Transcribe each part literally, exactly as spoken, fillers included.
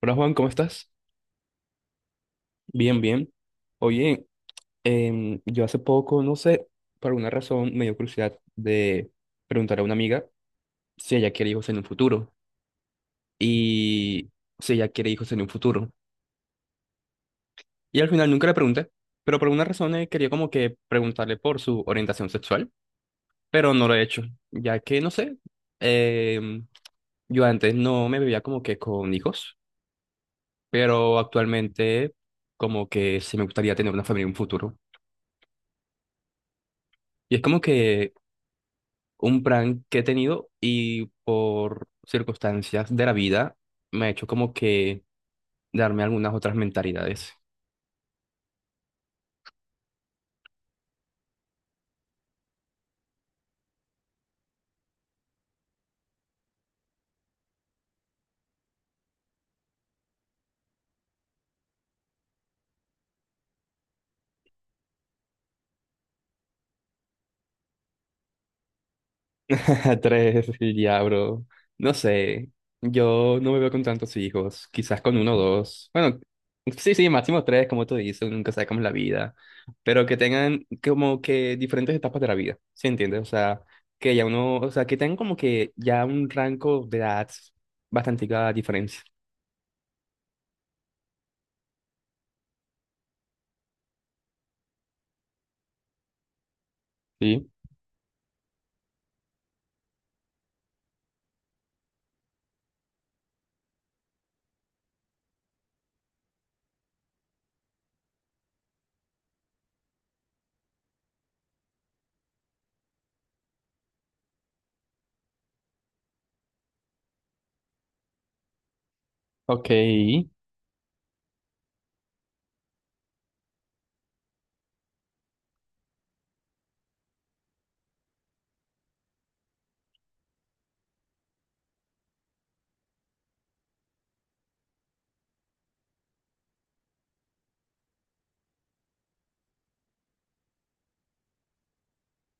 Hola Juan, ¿cómo estás? Bien, bien. Oye, em, yo hace poco, no sé, por alguna razón me dio curiosidad de preguntar a una amiga si ella quiere hijos en un futuro y si ella quiere hijos en un futuro. Y al final nunca le pregunté, pero por alguna razón eh, quería como que preguntarle por su orientación sexual, pero no lo he hecho, ya que, no sé, em, yo antes no me veía como que con hijos, pero actualmente como que sí me gustaría tener una familia en un futuro. Y es como que un plan que he tenido y por circunstancias de la vida me ha hecho como que darme algunas otras mentalidades. Tres, y ya, bro. No sé, yo no me veo con tantos hijos, quizás con uno o dos. Bueno, sí, sí, máximo tres, como tú dices, uno nunca sabe cómo es la vida, pero que tengan como que diferentes etapas de la vida, ¿sí entiendes? O sea, que ya uno, o sea, que tengan como que ya un rango de edad bastante diferencia. Sí, ok,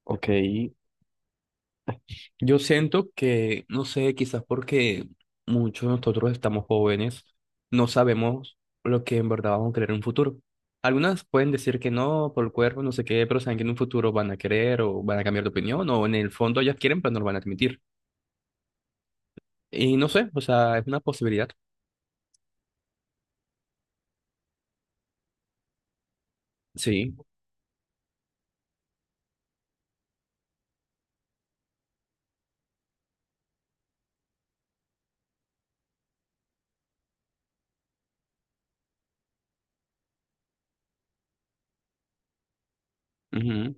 ok. Yo siento que, no sé, quizás porque muchos de nosotros estamos jóvenes, no sabemos lo que en verdad vamos a querer en un futuro. Algunas pueden decir que no, por el cuerpo, no sé qué, pero saben que en un futuro van a querer o van a cambiar de opinión, o en el fondo ellas quieren, pero no lo van a admitir. Y no sé, o sea, es una posibilidad. Sí. Ujú.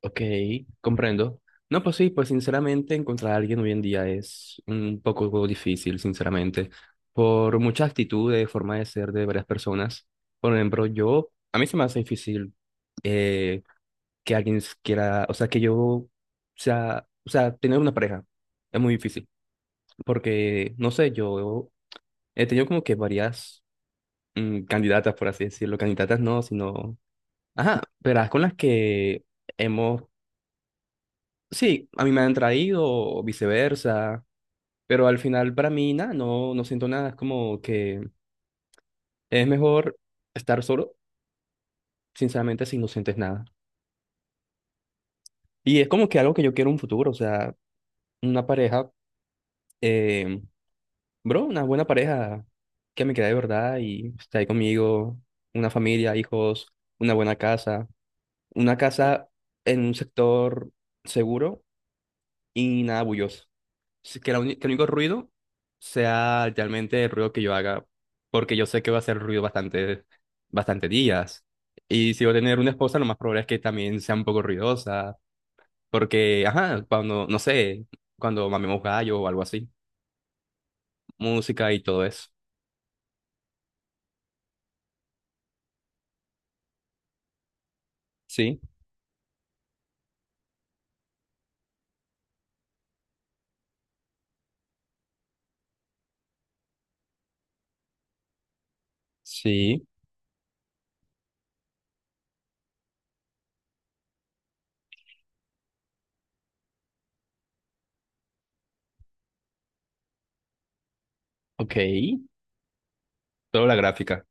Ok, comprendo. No, pues sí, pues sinceramente encontrar a alguien hoy en día es un poco difícil, sinceramente, por muchas actitudes, forma de ser de varias personas. Por ejemplo, yo, a mí se me hace difícil eh, que alguien s- quiera, o sea, que yo sea, o sea, tener una pareja es muy difícil, porque, no sé, yo he tenido como que varias mm, candidatas, por así decirlo, candidatas no, sino, ajá, verás, con las que hemos. Sí, a mí me han traído o viceversa, pero al final para mí nada, no, no siento nada, es como que es mejor estar solo, sinceramente, si no sientes nada. Y es como que algo que yo quiero en un futuro, o sea, una pareja, eh, bro, una buena pareja que me quiera de verdad y esté ahí conmigo, una familia, hijos, una buena casa, una casa en un sector seguro y nada bulloso. si- que, la uni- que el único ruido sea realmente el ruido que yo haga, porque yo sé que va a ser ruido bastante, bastante días. Y si voy a tener una esposa, lo más probable es que también sea un poco ruidosa, porque, ajá, cuando, no sé, cuando mamemos gallo o algo así, música y todo eso. Sí, sí, ok. Toda la gráfica.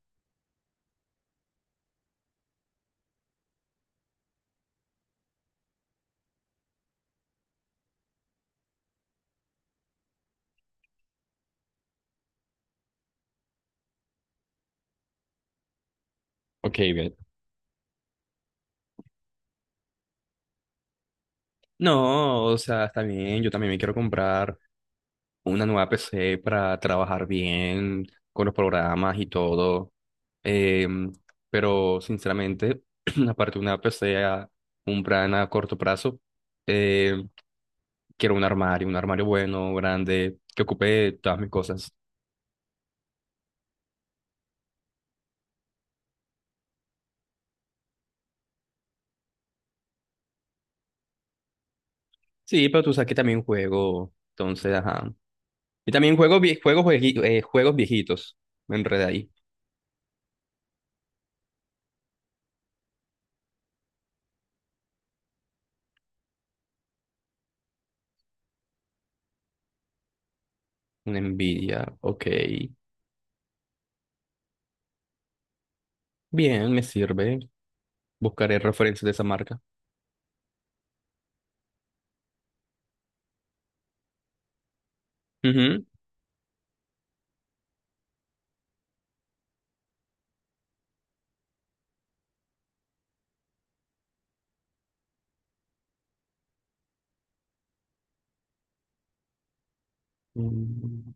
Ok, bien. No, o sea, está bien, yo también me quiero comprar una nueva P C para trabajar bien con los programas y todo. Em, pero sinceramente, aparte de una P C a un plan a corto plazo, eh, quiero un armario, un armario bueno, grande, que ocupe todas mis cosas. Sí, pero tú sabes que también juego, entonces, ajá. Y también juego, vie- juego juegui- eh, juegos viejitos. Me enredé ahí. Una Nvidia, ok. Bien, me sirve. Buscaré referencias de esa marca. Mm.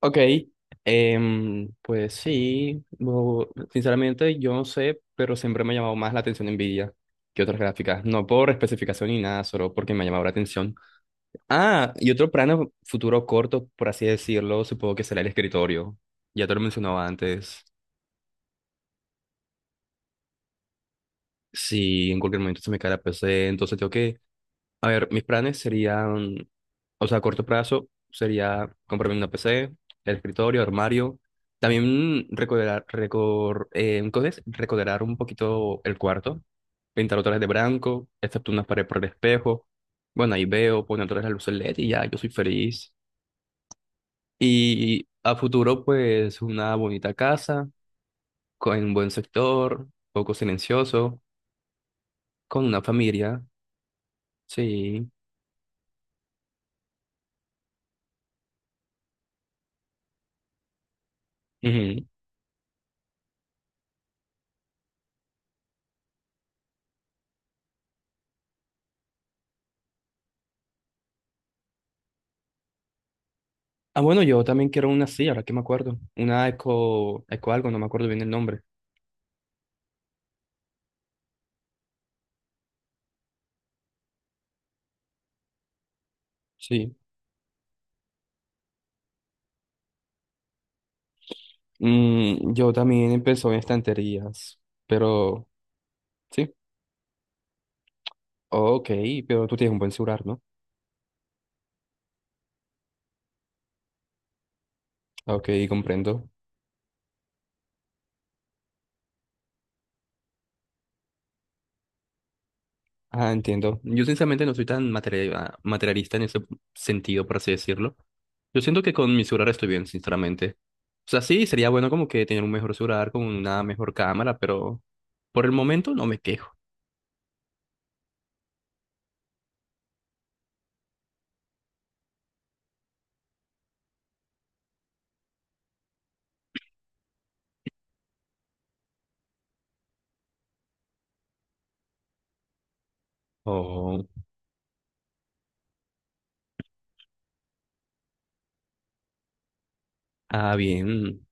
Ok, em, pues sí, bo- sinceramente yo no sé, pero siempre me ha llamado más la atención Nvidia que otras gráficas, no por especificación ni nada, solo porque me ha llamado la atención. Ah, y otro plano futuro corto, por así decirlo, supongo que será el escritorio, ya te lo mencionaba antes. Si en cualquier momento se me cae la P C, entonces tengo que, a ver, mis planes serían, o sea, a corto plazo sería comprarme una P C, el escritorio, armario, también recorderar, recor, eh, ¿cómo es? recorderar un poquito el cuarto, pintar otra vez de blanco, excepto unas paredes por el espejo, bueno, ahí veo, poner otra vez la luz L E D y ya, yo soy feliz. Y a futuro, pues, una bonita casa, con un buen sector, poco silencioso, con una familia. Sí. Ujú. Ah, bueno, yo también quiero una así, ahora que me acuerdo. Una eco, eco algo, no me acuerdo bien el nombre. Sí. Mm, yo también empezó en estanterías, pero sí. Ok, pero tú tienes un buen celular, ¿no? Ok, comprendo. Ah, entiendo. Yo sinceramente no soy tan materia- materialista en ese sentido, por así decirlo. Yo siento que con mi celular estoy bien, sinceramente. O sea, sí, sería bueno como que tener un mejor celular con una mejor cámara, pero por el momento no me quejo. Ah, bien.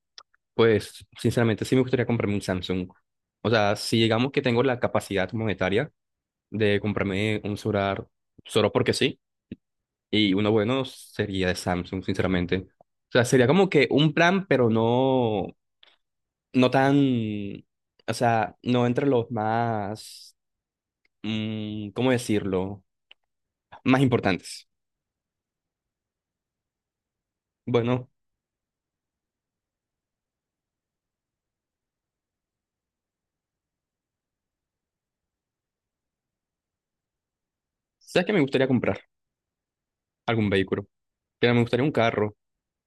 Pues, sinceramente, sí me gustaría comprarme un Samsung. O sea, si digamos que tengo la capacidad monetaria de comprarme un celular solo porque sí, y uno bueno sería de Samsung, sinceramente. O sea, sería como que un plan, pero no, no tan, o sea, no entre los más, mm, ¿cómo decirlo? Más importantes. Bueno, sabes que me gustaría comprar algún vehículo, pero me gustaría un carro.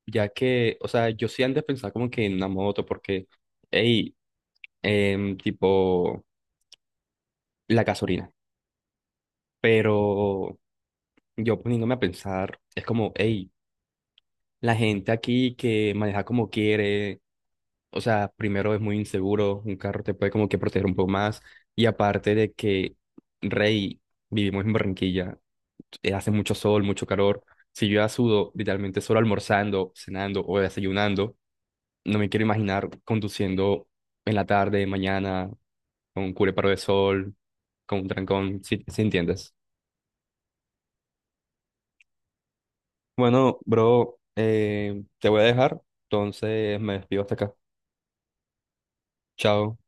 Ya que, o sea, yo sí antes pensaba como que en una moto, porque, hey, em, tipo, la gasolina. Pero yo poniéndome a pensar, es como, hey, la gente aquí que maneja como quiere, o sea, primero es muy inseguro, un carro te puede como que proteger un poco más, y aparte de que, rey, vivimos en Barranquilla, eh, hace mucho sol, mucho calor, si yo ya sudo, literalmente solo almorzando, cenando o desayunando, no me quiero imaginar conduciendo en la tarde, mañana, con un cubre de sol, con un trancón, si, si entiendes. Bueno, bro, eh, te voy a dejar, entonces me despido hasta acá. Chao.